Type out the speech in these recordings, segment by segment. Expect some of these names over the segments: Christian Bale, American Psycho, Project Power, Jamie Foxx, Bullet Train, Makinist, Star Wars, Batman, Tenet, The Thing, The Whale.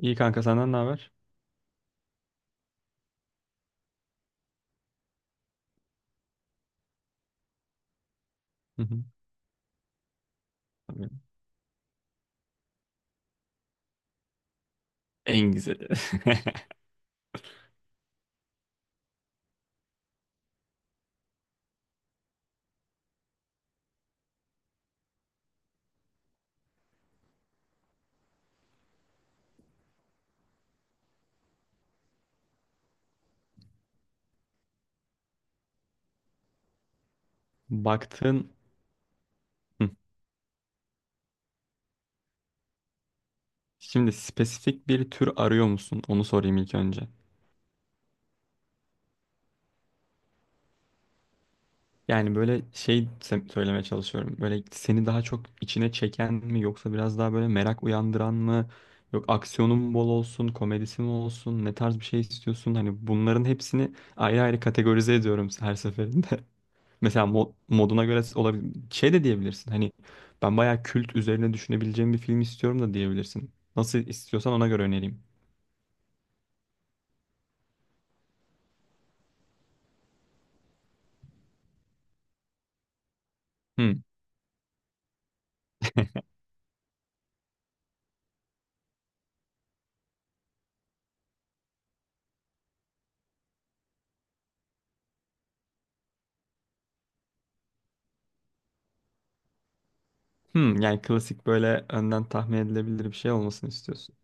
İyi kanka, senden ne haber? Hı hı. Tabii. En güzeli. Baktığın Hı. Şimdi spesifik bir tür arıyor musun? Onu sorayım ilk önce. Yani böyle söylemeye çalışıyorum. Böyle seni daha çok içine çeken mi, yoksa biraz daha böyle merak uyandıran mı? Yok, aksiyonun mu bol olsun, komedisi mi olsun, ne tarz bir şey istiyorsun? Hani bunların hepsini ayrı ayrı kategorize ediyorum her seferinde. Mesela moduna göre olabilir. Şey de diyebilirsin. Hani ben bayağı kült üzerine düşünebileceğim bir film istiyorum da diyebilirsin. Nasıl istiyorsan ona göre önereyim. Hmm. Hmm. Yani klasik böyle önden tahmin edilebilir bir şey olmasını istiyorsun.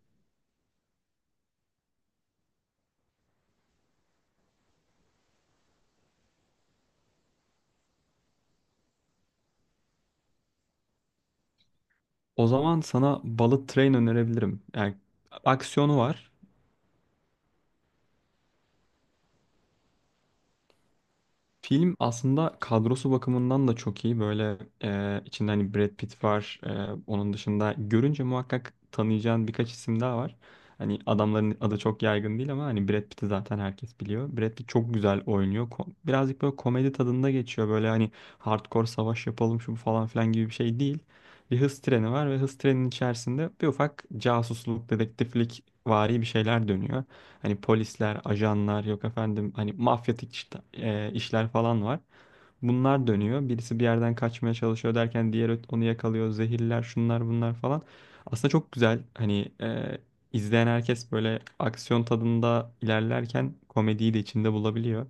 O zaman sana Bullet Train önerebilirim. Yani aksiyonu var. Film aslında kadrosu bakımından da çok iyi. Böyle içinde hani Brad Pitt var. Onun dışında görünce muhakkak tanıyacağın birkaç isim daha var. Hani adamların adı çok yaygın değil ama hani Brad Pitt'i zaten herkes biliyor. Brad Pitt çok güzel oynuyor. Birazcık böyle komedi tadında geçiyor. Böyle hani hardcore savaş yapalım şu bu falan filan gibi bir şey değil. Bir hız treni var ve hız treninin içerisinde bir ufak casusluk, dedektiflik vari bir şeyler dönüyor. Hani polisler, ajanlar yok efendim, hani mafyatik işler falan var. Bunlar dönüyor. Birisi bir yerden kaçmaya çalışıyor derken diğer onu yakalıyor. Zehirler, şunlar bunlar falan. Aslında çok güzel. Hani izleyen herkes böyle aksiyon tadında ilerlerken komediyi de içinde bulabiliyor.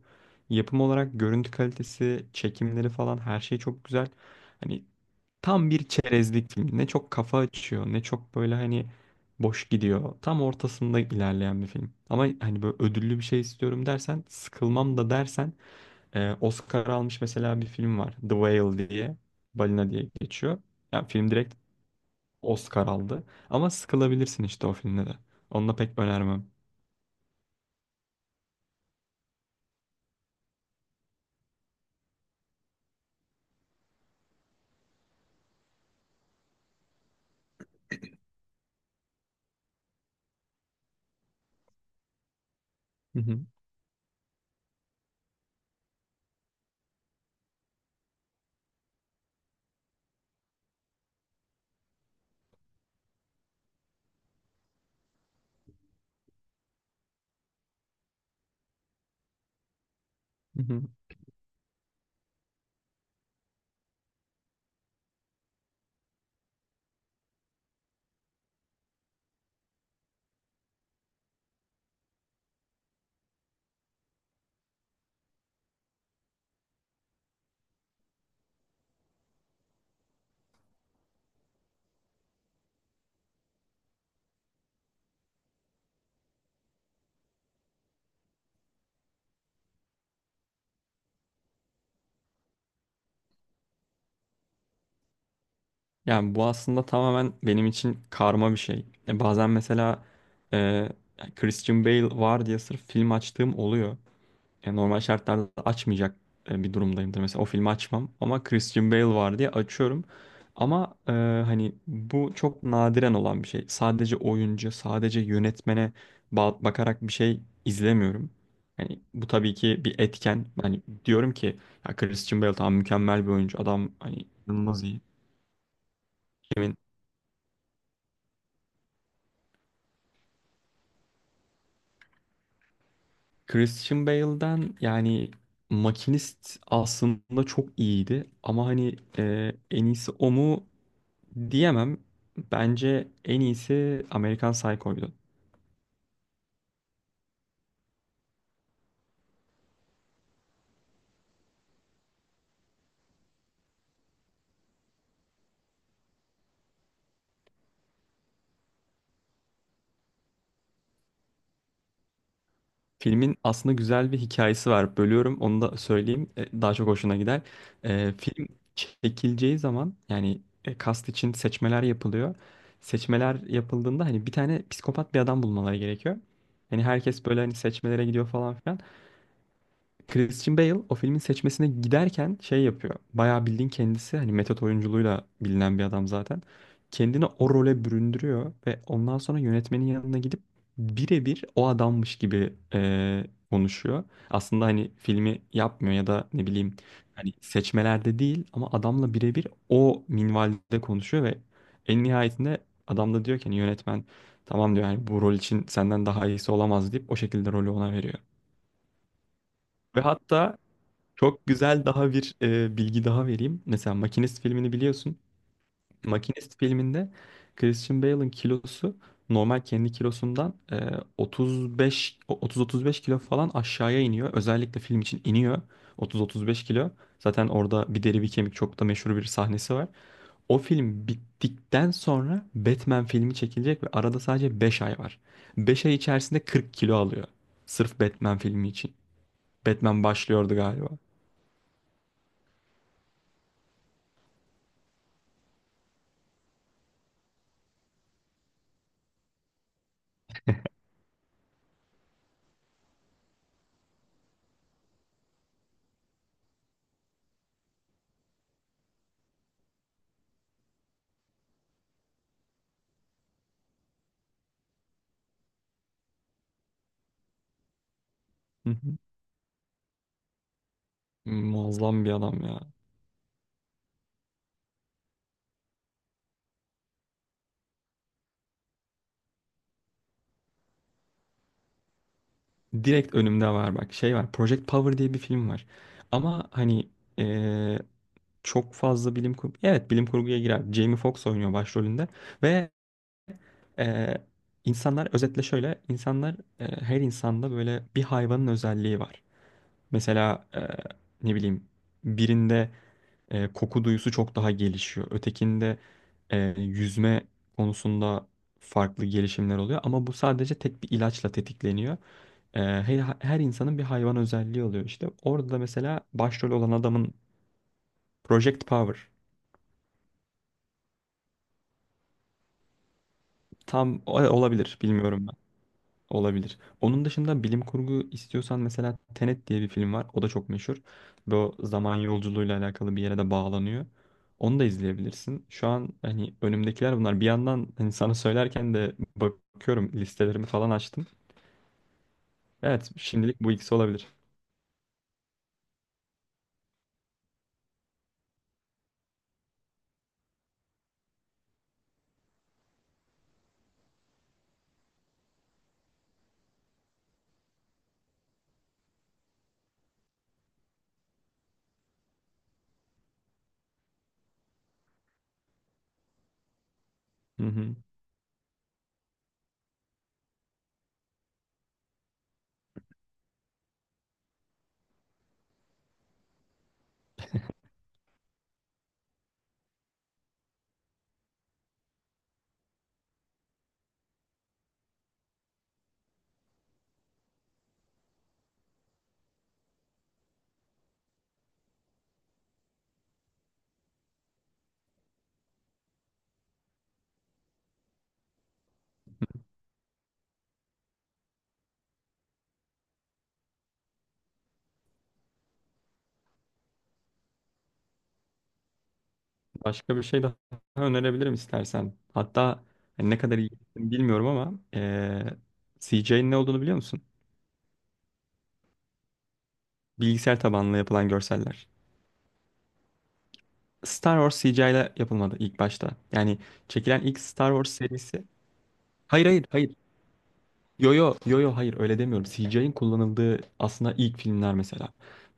Yapım olarak görüntü kalitesi, çekimleri falan her şey çok güzel. Hani tam bir çerezlik film. Ne çok kafa açıyor, ne çok böyle hani boş gidiyor. Tam ortasında ilerleyen bir film. Ama hani böyle ödüllü bir şey istiyorum dersen, sıkılmam da dersen Oscar almış mesela bir film var. The Whale diye. Balina diye geçiyor. Yani film direkt Oscar aldı. Ama sıkılabilirsin işte o filmde de. Onu da pek önermem. Hı hı, hı hı. Yani bu aslında tamamen benim için karma bir şey. Bazen mesela e, Christian Bale var diye sırf film açtığım oluyor. Yani normal şartlarda açmayacak bir durumdayımdır. Mesela o filmi açmam ama Christian Bale var diye açıyorum. Ama hani bu çok nadiren olan bir şey. Sadece oyuncu, sadece yönetmene bakarak bir şey izlemiyorum. Yani bu tabii ki bir etken. Hani diyorum ki ya Christian Bale tamam, mükemmel bir oyuncu. Adam hani inanılmaz iyi. Emin. Christian Bale'den yani Makinist aslında çok iyiydi ama hani en iyisi o mu, diyemem. Bence en iyisi American Psycho'ydu. Filmin aslında güzel bir hikayesi var. Bölüyorum, onu da söyleyeyim. Daha çok hoşuna gider. Film çekileceği zaman yani kast için seçmeler yapılıyor. Seçmeler yapıldığında hani bir tane psikopat bir adam bulmaları gerekiyor. Hani herkes böyle hani seçmelere gidiyor falan filan. Christian Bale o filmin seçmesine giderken şey yapıyor. Bayağı bildiğin kendisi hani metot oyunculuğuyla bilinen bir adam zaten. Kendini o role büründürüyor ve ondan sonra yönetmenin yanına gidip birebir o adammış gibi konuşuyor. Aslında hani filmi yapmıyor ya da ne bileyim hani seçmelerde değil ama adamla birebir o minvalde konuşuyor ve en nihayetinde adam da diyor ki hani yönetmen tamam diyor yani bu rol için senden daha iyisi olamaz, deyip o şekilde rolü ona veriyor. Ve hatta çok güzel daha bir bilgi daha vereyim. Mesela Makinist filmini biliyorsun. Makinist filminde Christian Bale'ın kilosu normal kendi kilosundan 35 30-35 kilo falan aşağıya iniyor. Özellikle film için iniyor 30-35 kilo. Zaten orada bir deri bir kemik, çok da meşhur bir sahnesi var. O film bittikten sonra Batman filmi çekilecek ve arada sadece 5 ay var. 5 ay içerisinde 40 kilo alıyor. Sırf Batman filmi için. Batman başlıyordu galiba. Muazzam bir adam ya. Direkt önümde var bak, şey var. Project Power diye bir film var. Ama hani eee, çok fazla bilim kurgu. Evet, bilim kurguya girer. Jamie Foxx oynuyor başrolünde. Ve eee, insanlar özetle şöyle. İnsanlar her insanda böyle bir hayvanın özelliği var. Mesela ne bileyim birinde koku duyusu çok daha gelişiyor. Ötekinde yüzme konusunda farklı gelişimler oluyor. Ama bu sadece tek bir ilaçla tetikleniyor. Her, her insanın bir hayvan özelliği oluyor işte. Orada da mesela başrol olan adamın Project Power tam olabilir, bilmiyorum ben. Olabilir. Onun dışında bilim kurgu istiyorsan mesela Tenet diye bir film var. O da çok meşhur. Bu zaman yolculuğuyla alakalı bir yere de bağlanıyor. Onu da izleyebilirsin. Şu an hani önümdekiler bunlar. Bir yandan hani sana söylerken de bakıyorum, listelerimi falan açtım. Evet, şimdilik bu ikisi olabilir. Hı hı. Başka bir şey daha önerebilirim istersen. Hatta hani ne kadar iyi bilmiyorum ama CGI'nin ne olduğunu biliyor musun? Bilgisayar tabanlı yapılan görseller. Star Wars CGI ile yapılmadı ilk başta. Yani çekilen ilk Star Wars serisi. Hayır, hayır, hayır. Yo, yo, yo, yo, hayır öyle demiyorum. CGI'in kullanıldığı aslında ilk filmler mesela.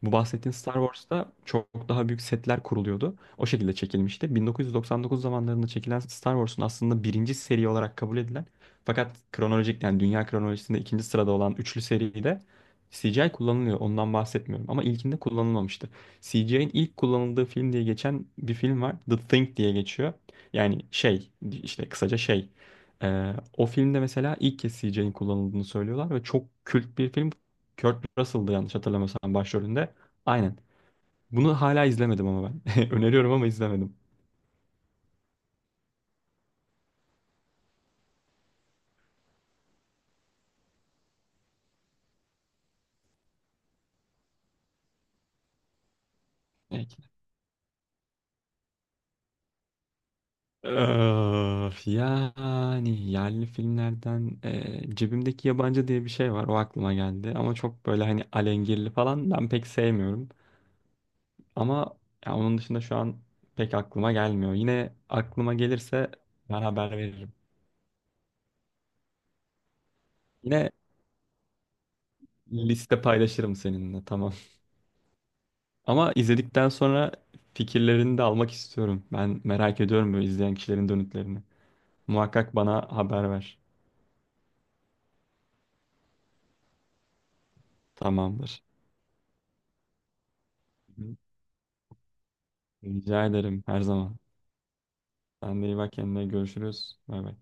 Bu bahsettiğin Star Wars'ta çok daha büyük setler kuruluyordu. O şekilde çekilmişti. 1999 zamanlarında çekilen Star Wars'un aslında birinci seri olarak kabul edilen fakat kronolojik, yani dünya kronolojisinde ikinci sırada olan üçlü seride CGI kullanılıyor. Ondan bahsetmiyorum ama ilkinde kullanılmamıştı. CGI'in ilk kullanıldığı film diye geçen bir film var. The Thing diye geçiyor. Yani şey işte kısaca şey o filmde mesela ilk kez CGI'nin kullanıldığını söylüyorlar ve çok kült bir film. Kurt Russell'dı yanlış hatırlamıyorsam başrolünde. Aynen. Bunu hala izlemedim ama ben. Öneriyorum ama izlemedim. Peki. Öf, yani yerli filmlerden cebimdeki yabancı diye bir şey var. O aklıma geldi. Ama çok böyle hani alengirli falan ben pek sevmiyorum. Ama ya onun dışında şu an pek aklıma gelmiyor. Yine aklıma gelirse ben haber veririm. Yine liste paylaşırım seninle. Tamam. Ama izledikten sonra fikirlerini de almak istiyorum. Ben merak ediyorum böyle izleyen kişilerin dönütlerini. Muhakkak bana haber ver. Tamamdır. Hı. Rica ederim, her zaman. Sen de iyi bak kendine. Görüşürüz. Bay bay.